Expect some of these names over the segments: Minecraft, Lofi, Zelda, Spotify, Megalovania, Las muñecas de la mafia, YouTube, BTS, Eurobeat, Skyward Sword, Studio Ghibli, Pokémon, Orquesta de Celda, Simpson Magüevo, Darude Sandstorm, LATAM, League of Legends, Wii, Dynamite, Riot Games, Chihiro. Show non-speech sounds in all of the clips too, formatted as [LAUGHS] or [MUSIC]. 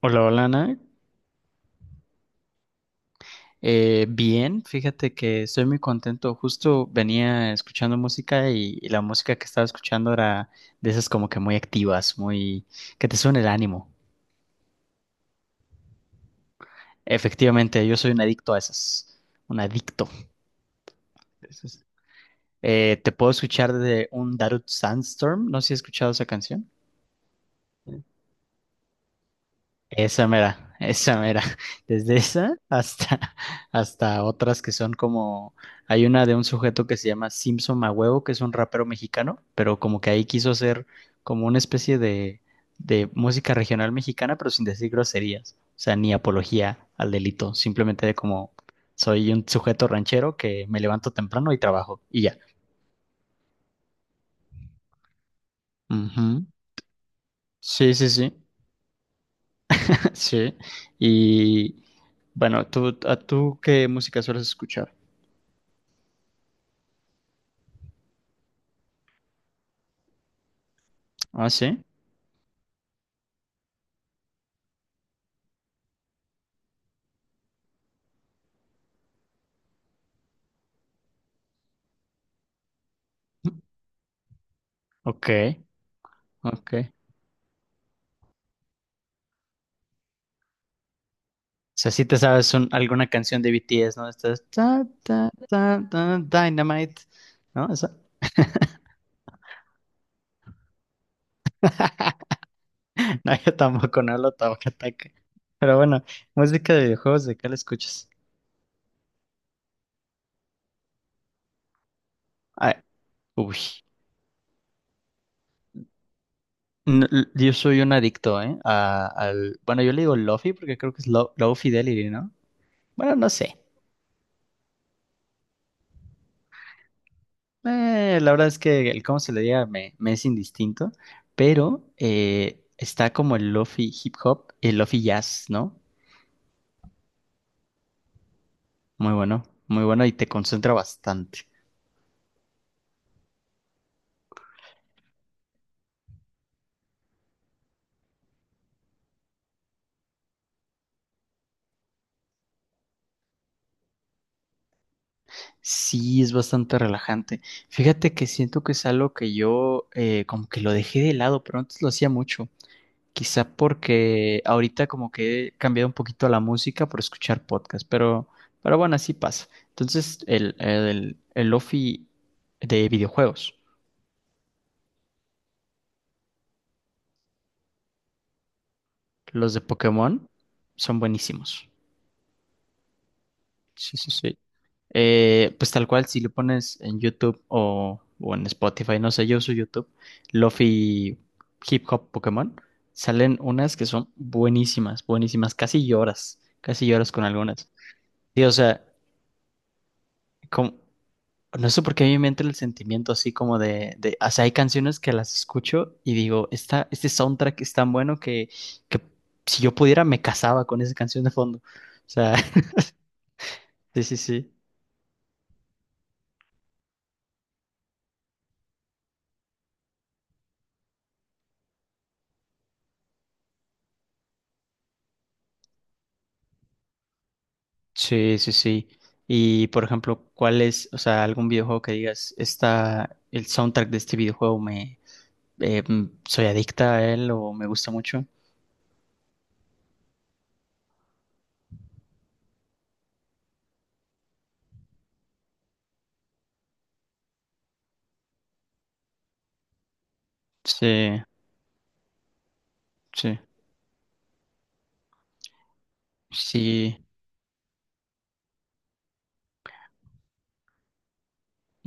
Hola, hola, Nat. Bien, fíjate que estoy muy contento. Justo venía escuchando música y la música que estaba escuchando era de esas como que muy activas, muy que te suena el ánimo. Efectivamente, yo soy un adicto a esas, un adicto. Entonces, te puedo escuchar de un Darude Sandstorm. No sé si has escuchado esa canción. Esa mera, esa mera. [LAUGHS] Desde esa hasta, [LAUGHS] hasta otras que son como. Hay una de un sujeto que se llama Simpson Magüevo, que es un rapero mexicano, pero como que ahí quiso hacer como una especie de música regional mexicana, pero sin decir groserías. O sea, ni apología al delito. Simplemente de como soy un sujeto ranchero que me levanto temprano y trabajo. Y ya. Ujú. Sí, sí, sí. [LAUGHS] Sí. Y bueno, ¿tú, qué música sueles escuchar? Ah, sí. Ok, ok. O sea, sí te sabes alguna canción de BTS, ¿no? Estás ta, ta, ta, ta, Dynamite, ¿no? Esa. [LAUGHS] No, yo tampoco, no lo tomo ataque. Pero bueno, música de videojuegos, ¿de qué la escuchas? Ay, uy. No, yo soy un adicto, ¿eh? Bueno, yo le digo Lofi porque creo que es Low, Low Fidelity, ¿no? Bueno, no sé. La verdad es que el cómo se le diga me es indistinto, pero está como el lofi hip hop, el lofi jazz, ¿no? Muy bueno, muy bueno y te concentra bastante. Sí, es bastante relajante. Fíjate que siento que es algo que yo como que lo dejé de lado, pero antes lo hacía mucho. Quizá porque ahorita como que he cambiado un poquito la música por escuchar podcast, pero bueno, así pasa. Entonces, el lofi de videojuegos. Los de Pokémon son buenísimos. Sí, sí, sí. Pues tal cual, si lo pones en YouTube o en Spotify, no sé, yo uso YouTube, Lofi Hip Hop Pokémon, salen unas que son buenísimas, buenísimas, casi lloras con algunas. Sí, o sea, como- no sé por qué a mí me entra el sentimiento así como o sea, hay canciones que las escucho y digo, esta, este soundtrack es tan bueno que si yo pudiera me casaba con esa canción de fondo. O sea, [LAUGHS] sí, sí, sí. Sí, sí, sí. Y por ejemplo, ¿cuál es, o sea, algún videojuego que digas, está el soundtrack de este videojuego soy adicta a él o me gusta mucho? Sí, sí, sí.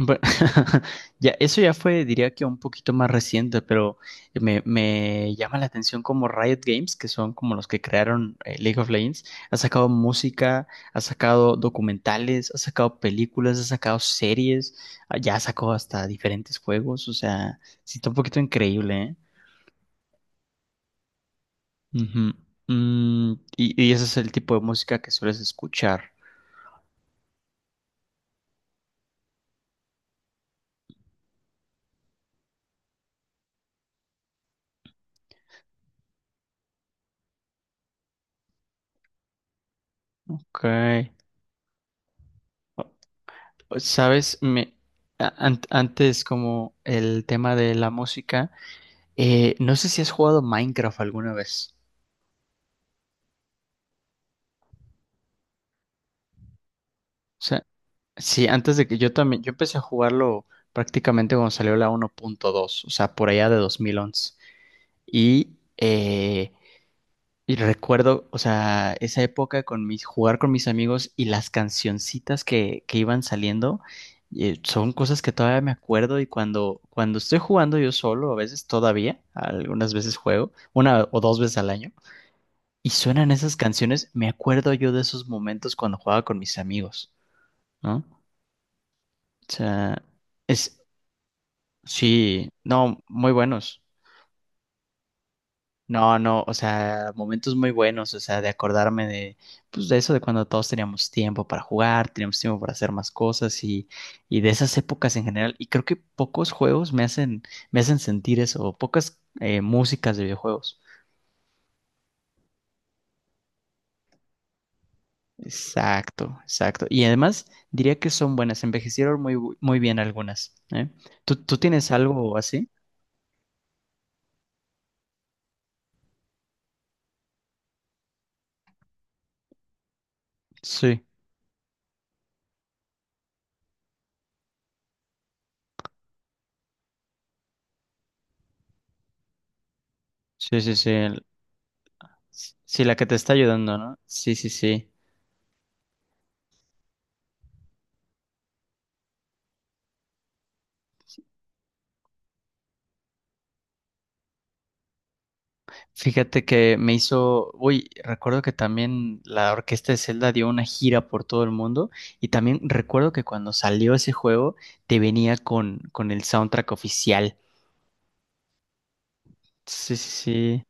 Bueno, [LAUGHS] ya, eso ya fue, diría que un poquito más reciente, pero me llama la atención como Riot Games, que son como los que crearon League of Legends, ha sacado música, ha sacado documentales, ha sacado películas, ha sacado series, ah, ya ha sacado hasta diferentes juegos, o sea, sí está un poquito increíble, ¿eh? Ujú. Y ese es el tipo de música que sueles escuchar. Ok. Sabes, antes como el tema de la música, no sé si has jugado Minecraft alguna vez. O sea, sí, antes de que yo también, yo empecé a jugarlo prácticamente cuando salió la 1.2, o sea, por allá de 2011. Y eh, Y recuerdo, o sea, esa época con mis, jugar con mis amigos y las cancioncitas que iban saliendo, son cosas que todavía me acuerdo y cuando estoy jugando yo solo, a veces todavía, algunas veces juego, una o dos veces al año, y suenan esas canciones, me acuerdo yo de esos momentos cuando jugaba con mis amigos, ¿no? O sea, es, sí, no, muy buenos. No, no, o sea, momentos muy buenos, o sea, de acordarme de, pues de eso de cuando todos teníamos tiempo para jugar, teníamos tiempo para hacer más cosas y de esas épocas en general. Y creo que pocos juegos me hacen sentir eso, o pocas músicas de videojuegos. Exacto, exacto. Y además diría que son buenas, envejecieron muy, muy bien algunas, ¿eh? ¿Tú tienes algo así? Sí, sí, sí, sí. Sí, la que te está ayudando, ¿no? Sí, sí, sí. Fíjate que me hizo, uy, recuerdo que también la Orquesta de Celda dio una gira por todo el mundo y también recuerdo que cuando salió ese juego te venía con el soundtrack oficial. Sí, sí, sí.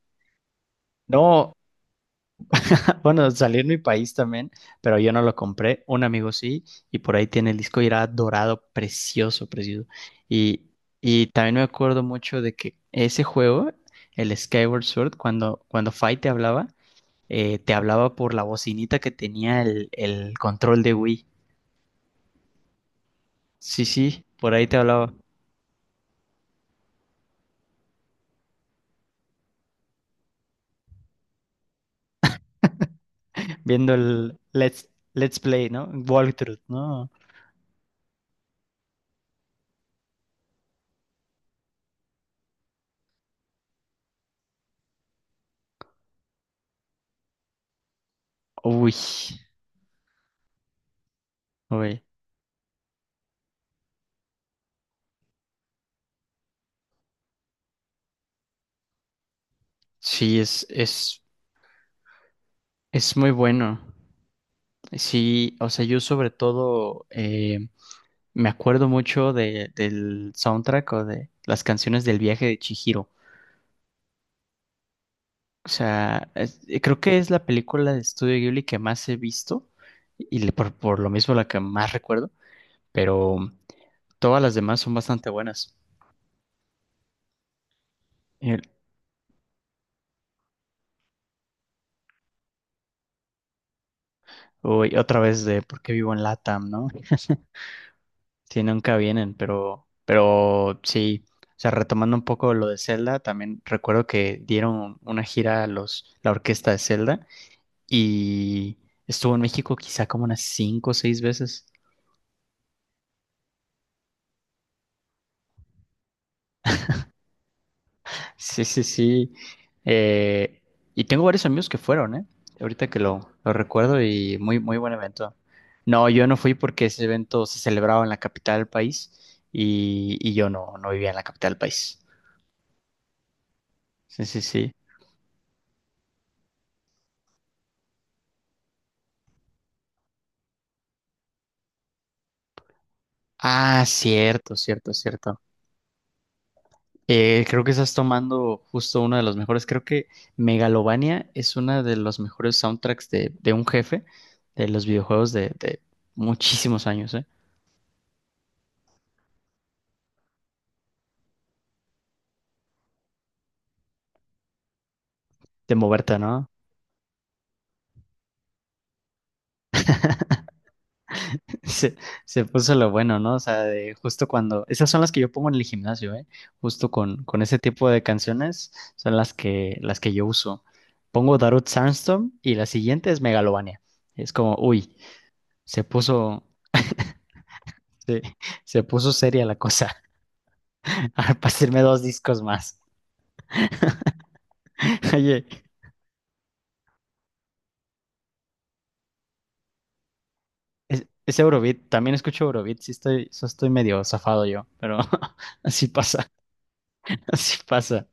No, [LAUGHS] bueno, salió en mi país también, pero yo no lo compré, un amigo sí, y por ahí tiene el disco y era dorado, precioso, precioso. Y, y también me acuerdo mucho de que ese juego, el Skyward Sword, cuando, cuando Fight te hablaba por la bocinita que tenía el control de Wii. Sí, sí, por ahí te hablaba. Viendo el Let's Play, ¿no? Walkthrough, ¿no? Uy, uy. Sí, es muy bueno. Sí, o sea, yo sobre todo me acuerdo mucho de, del soundtrack o de las canciones del viaje de Chihiro. O sea, creo que es la película de Studio Ghibli que más he visto y por lo mismo la que más recuerdo. Pero todas las demás son bastante buenas. El- Uy, otra vez de por qué vivo en LATAM, ¿no? Sí, nunca vienen, pero sí. O sea, retomando un poco lo de Zelda, también recuerdo que dieron una gira a los, la orquesta de Zelda y estuvo en México quizá como unas cinco o seis veces. Sí, sí, sí. Eh, y tengo varios amigos que fueron, ¿eh? Ahorita que lo recuerdo y muy, muy buen evento. No, yo no fui porque ese evento se celebraba en la capital del país y yo no, no vivía en la capital del país. Sí, sí, sí. Ah, cierto, cierto, cierto. Creo que estás tomando justo uno de los mejores. Creo que Megalovania es uno de los mejores soundtracks de un jefe de los videojuegos de muchísimos años, ¿eh? De moverte, no. Se, se puso lo bueno, ¿no? O sea, de justo cuando, esas son las que yo pongo en el gimnasio, ¿eh? Justo con ese tipo de canciones son las que yo uso. Pongo Darude Sandstorm y la siguiente es Megalovania. Es como, uy, se puso, se, [LAUGHS] se puso seria la cosa. [LAUGHS] A pasarme dos discos más. [LAUGHS] Oye, es Eurobeat, también escucho Eurobeat, sí estoy medio zafado yo, pero [LAUGHS] así pasa, así pasa.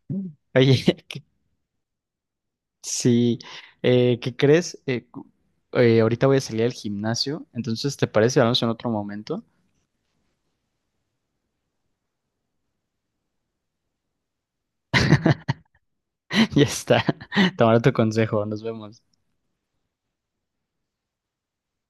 Oye, [LAUGHS] Sí, ¿qué crees? Ahorita voy a salir al gimnasio, entonces, ¿te parece? Hablamos en otro momento. [LAUGHS] Ya está. [LAUGHS] Tomaré tu consejo, nos vemos.